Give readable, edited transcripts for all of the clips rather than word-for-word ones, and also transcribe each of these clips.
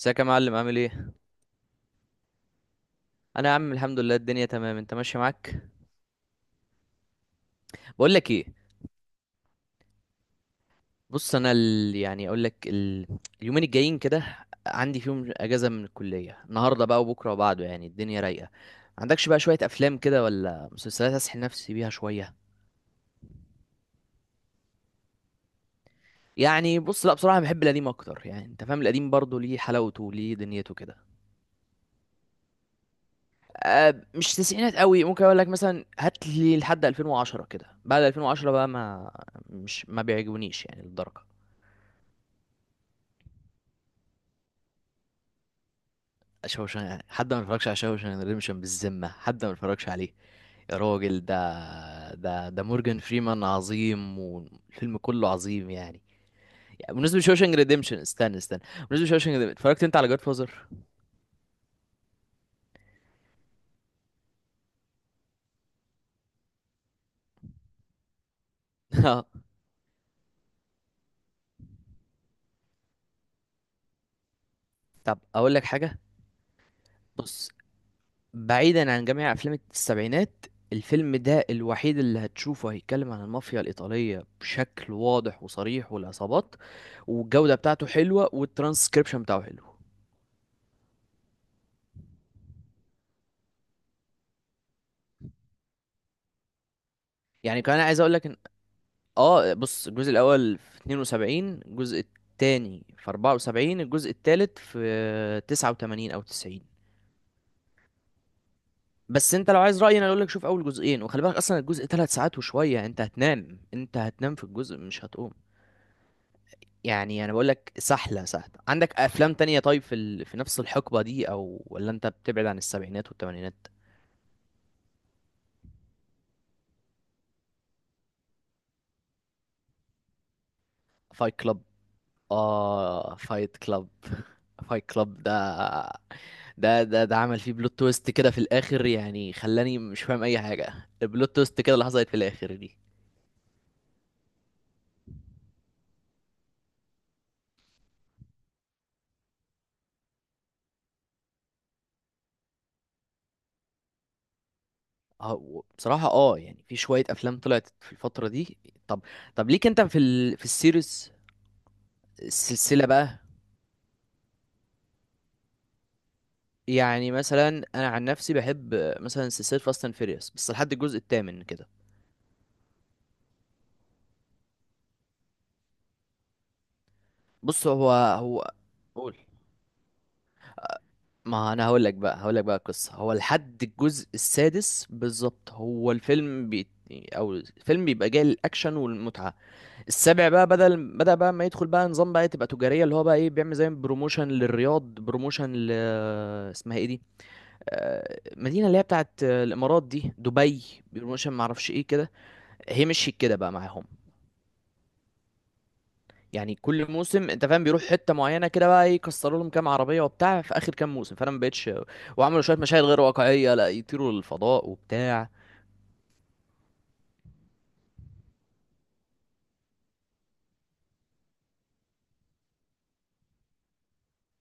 ازيك يا معلم، عامل ايه؟ انا يا عم الحمد لله الدنيا تمام، انت ماشي معاك؟ بقول لك ايه؟ بص انا يعني اقول لك اليومين الجايين كده عندي فيهم اجازه من الكليه، النهارده بقى وبكره وبعده، يعني الدنيا رايقه. عندكش بقى شويه افلام كده ولا مسلسلات اسحل نفسي بيها شويه؟ يعني بص لا بصراحه بحب القديم اكتر، يعني انت فاهم، القديم برضه ليه حلاوته وليه دنيته كده. أه مش تسعينات قوي، ممكن اقول لك مثلا هات لي لحد 2010 كده، بعد 2010 بقى ما مش ما بيعجبونيش يعني للدرجه. حد ما اتفرجش على شوشان ريدمشن؟ بالذمة حد ما اتفرجش عليه؟ يا راجل، ده مورجان فريمان عظيم، والفيلم كله عظيم يعني. يعني بالنسبة لشوشان ريدمشن، استنى استنى. بالنسبة لشوشان ريدمشن، اتفرجت انت على جاد فازر؟ طب اقول لك حاجة. بص، بعيدا عن جميع افلام السبعينات، الفيلم ده الوحيد اللي هتشوفه هيتكلم عن المافيا الإيطالية بشكل واضح وصريح، والعصابات والجودة بتاعته حلوة، والترانسكريبشن بتاعه حلو. يعني كمان عايز اقول لك، اه بص الجزء الاول في 72، الجزء التاني في 74، الجزء التالت في 89 او 90. بس انت لو عايز رأيي انا اقول لك شوف اول جزئين، وخلي بالك اصلا الجزء 3 ساعات وشوية، انت هتنام في الجزء مش هتقوم. يعني انا بقول لك سحلة سهلة. عندك افلام تانية طيب في في نفس الحقبة دي، او ولا انت بتبعد عن السبعينات والثمانينات؟ فايت كلاب. اه فايت كلاب. فايت كلاب ده عمل فيه بلوت تويست كده في الاخر، يعني خلاني مش فاهم اي حاجه. البلوت تويست كده اللي حصلت في الاخر دي. بصراحه يعني في شويه افلام طلعت في الفتره دي. طب طب ليك انت في في السيريز، السلسله بقى؟ يعني مثلا، انا عن نفسي بحب مثلا سلسله فاست اند فيريوس، بس لحد الجزء الثامن كده. بص هو قول. ما انا هقول لك بقى القصه، هو لحد الجزء السادس بالظبط هو الفيلم او الفيلم بيبقى جاي للاكشن والمتعه. السابع بقى بدل بدأ بقى ما يدخل بقى نظام، بقى تبقى تجاريه، اللي هو بقى ايه، بيعمل زي بروموشن للرياض، بروموشن ل اسمها ايه دي، مدينه اللي هي بتاعت الامارات دي، دبي. بروموشن معرفش ايه كده. هي مشيت كده بقى معاهم. يعني كل موسم انت فاهم بيروح حته معينه كده، بقى ايه، يكسروا لهم كام عربيه وبتاع، في اخر كام موسم فانا ما بقتش. وعملوا شويه مشاهد غير واقعيه، لا يطيروا للفضاء وبتاع.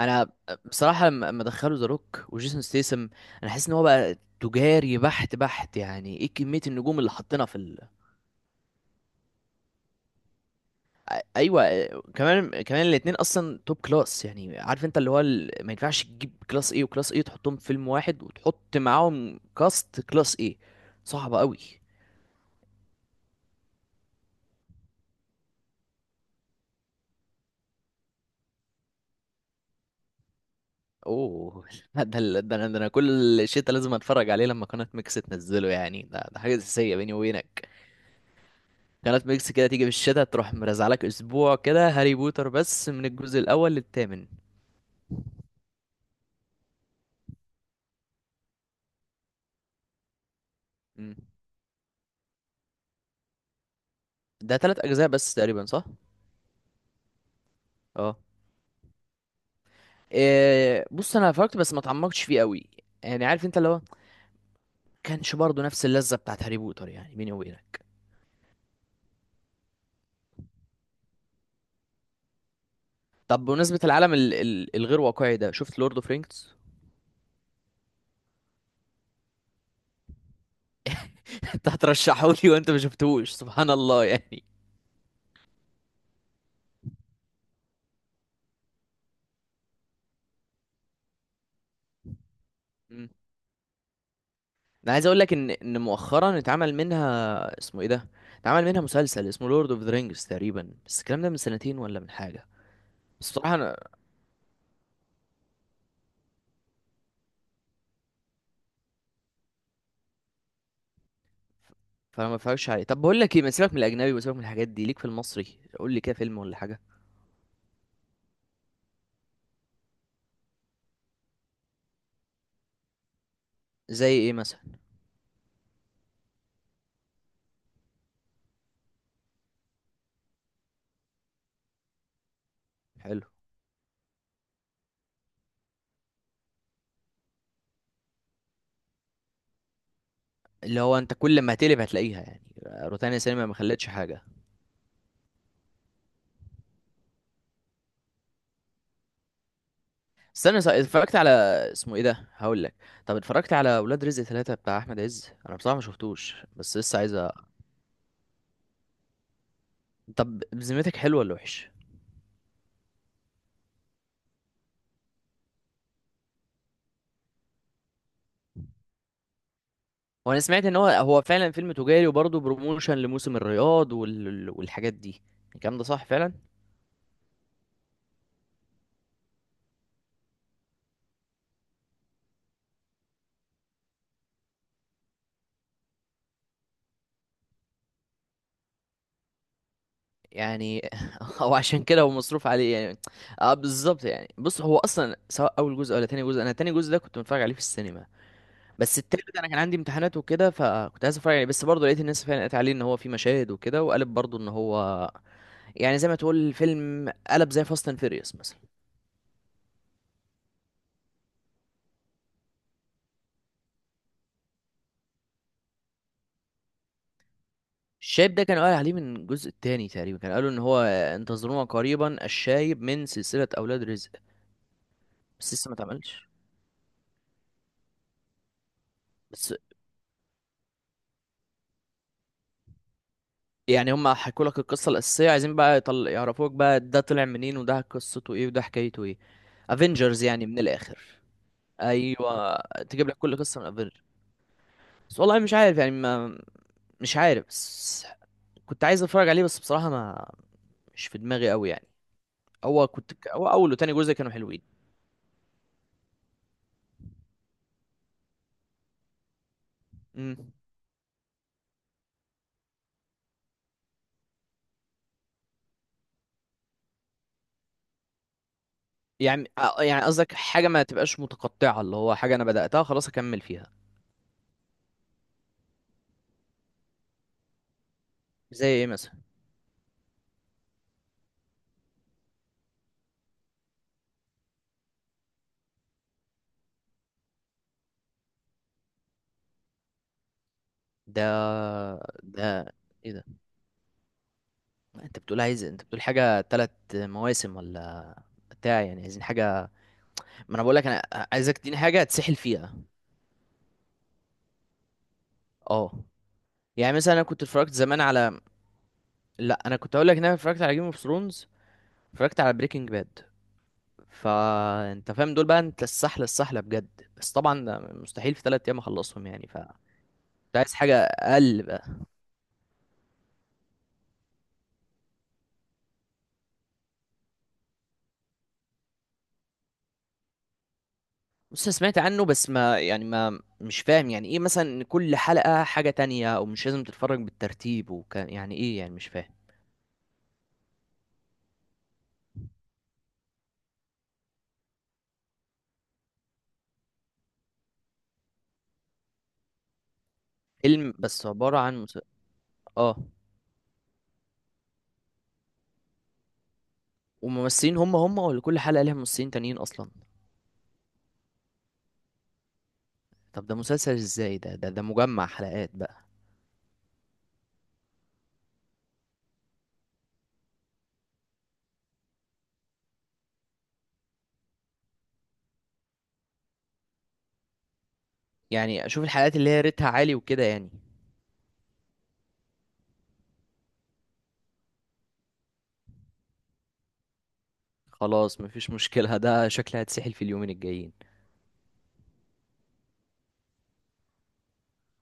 انا بصراحه لما دخلوا ذا روك وجيسون ستيسم، انا حاسس ان هو بقى تجاري بحت بحت، يعني ايه كميه النجوم اللي حطينا في ايوه. كمان كمان الاتنين اصلا توب كلاس. يعني عارف انت اللي هو ما ينفعش تجيب كلاس ايه وكلاس ايه تحطهم في فيلم واحد وتحط معاهم كاست كلاس ايه. صعبه قوي. اوه لا، ده انا كل الشتا لازم اتفرج عليه لما قناة ميكس تنزله، يعني ده حاجة أساسية بيني وبينك. قناة ميكس كده تيجي في الشتا تروح مرزعلك اسبوع كده هاري بوتر بس من الجزء الاول للثامن. مم. ده ثلاث اجزاء بس تقريبا صح؟ اه. إيه، بص انا فرجت بس ما اتعمقتش فيه قوي، يعني عارف انت اللي هو كانش برضه نفس اللذة بتاعت هاري بوتر، يعني بيني وبينك. طب بمناسبة العالم ال الغير واقعي ده، شفت لورد اوف رينجز؟ انت هترشحه لي وانت ما شفتهوش؟ سبحان الله يعني. انا عايز اقول لك ان مؤخرا اتعمل منها، اسمه ايه ده، اتعمل منها مسلسل اسمه لورد اوف ذا رينجز تقريبا، بس الكلام ده من سنتين ولا من حاجه. بس بصراحه انا فما اتفرجش عليه. طب بقول لك ايه، ما سيبك من الاجنبي وسيبك من الحاجات دي، ليك في المصري؟ قول لي كده فيلم ولا حاجه. زي ايه مثلا؟ حلو. اللي هو انت كل ما هتقلب هتلاقيها، يعني روتانا سينما ما خلتش حاجه. استنى صح، اتفرجت على اسمه ايه ده، هقول لك، طب اتفرجت على ولاد رزق ثلاثة بتاع احمد عز؟ انا بصراحه ما شفتوش بس لسه عايز طب بذمتك حلو ولا وحش؟ وانا سمعت ان هو فعلا فيلم تجاري وبرضه بروموشن لموسم الرياض والحاجات دي. الكلام ده صح فعلا؟ يعني هو عشان كده هو مصروف عليه يعني. اه بالظبط. يعني بص هو اصلا سواء اول جزء ولا تاني جزء، انا تاني جزء ده كنت متفرج عليه في السينما، بس التالت انا كان عندي امتحانات وكده، فكنت عايز اتفرج عليه بس برضه لقيت الناس فعلا قالت عليه ان هو فيه مشاهد وكده، وقالت برضه ان هو يعني زي ما تقول الفيلم قلب زي فاست اند فيريوس مثلا. الشايب ده كان قال عليه من الجزء التاني تقريبا، كان قالوا ان هو انتظرونا قريبا الشايب من سلسلة اولاد رزق، بس لسه ما اتعملش. بس يعني هم حكوا لك القصة الأساسية، عايزين بقى يعرفوك بقى ده طلع منين وده قصته ايه وده حكايته ايه. افنجرز يعني من الآخر. ايوه. تجيب لك كل قصة من افنجرز. بس والله مش عارف، يعني ما... مش عارف بس، كنت عايز اتفرج عليه بس بصراحة ما مش في دماغي قوي يعني. هو اول وتاني جزء كانوا حلوين. امم. يعني يعني قصدك حاجة ما تبقاش متقطعة، اللي هو حاجة أنا بدأتها خلاص أكمل فيها. زي إيه مثلا؟ ده ده إيه ده؟ أنت بتقول حاجة تلات مواسم ولا؟ بتاع يعني عايزين حاجة، ما أنا بقولك أنا عايزك تديني حاجة تسحل فيها. أه. يعني مثلا أنا كنت اتفرجت زمان على، لأ أنا كنت أقولك إن أنا اتفرجت على جيم اوف ثرونز، اتفرجت على بريكنج باد، فأنت فاهم دول بقى، أنت السحلة السحلة بجد، بس طبعا ده مستحيل في 3 أيام أخلصهم يعني ف كنت عايز حاجة أقل. بص أنا سمعت عنه بس ما يعني ما مش فاهم، يعني ايه مثلا ان كل حلقة حاجة تانية، او مش لازم تتفرج بالترتيب، وكان يعني ايه يعني مش فاهم. فيلم بس عبارة عن اه. وممثلين هم هم ولا كل حلقة ليها ممثلين تانيين اصلا؟ طب ده مسلسل ازاي؟ ده مجمع حلقات بقى. يعني اشوف الحلقات اللي هي ريتها عالي وكده يعني. خلاص مفيش مشكلة، ده شكلها هتسحل في اليومين الجايين.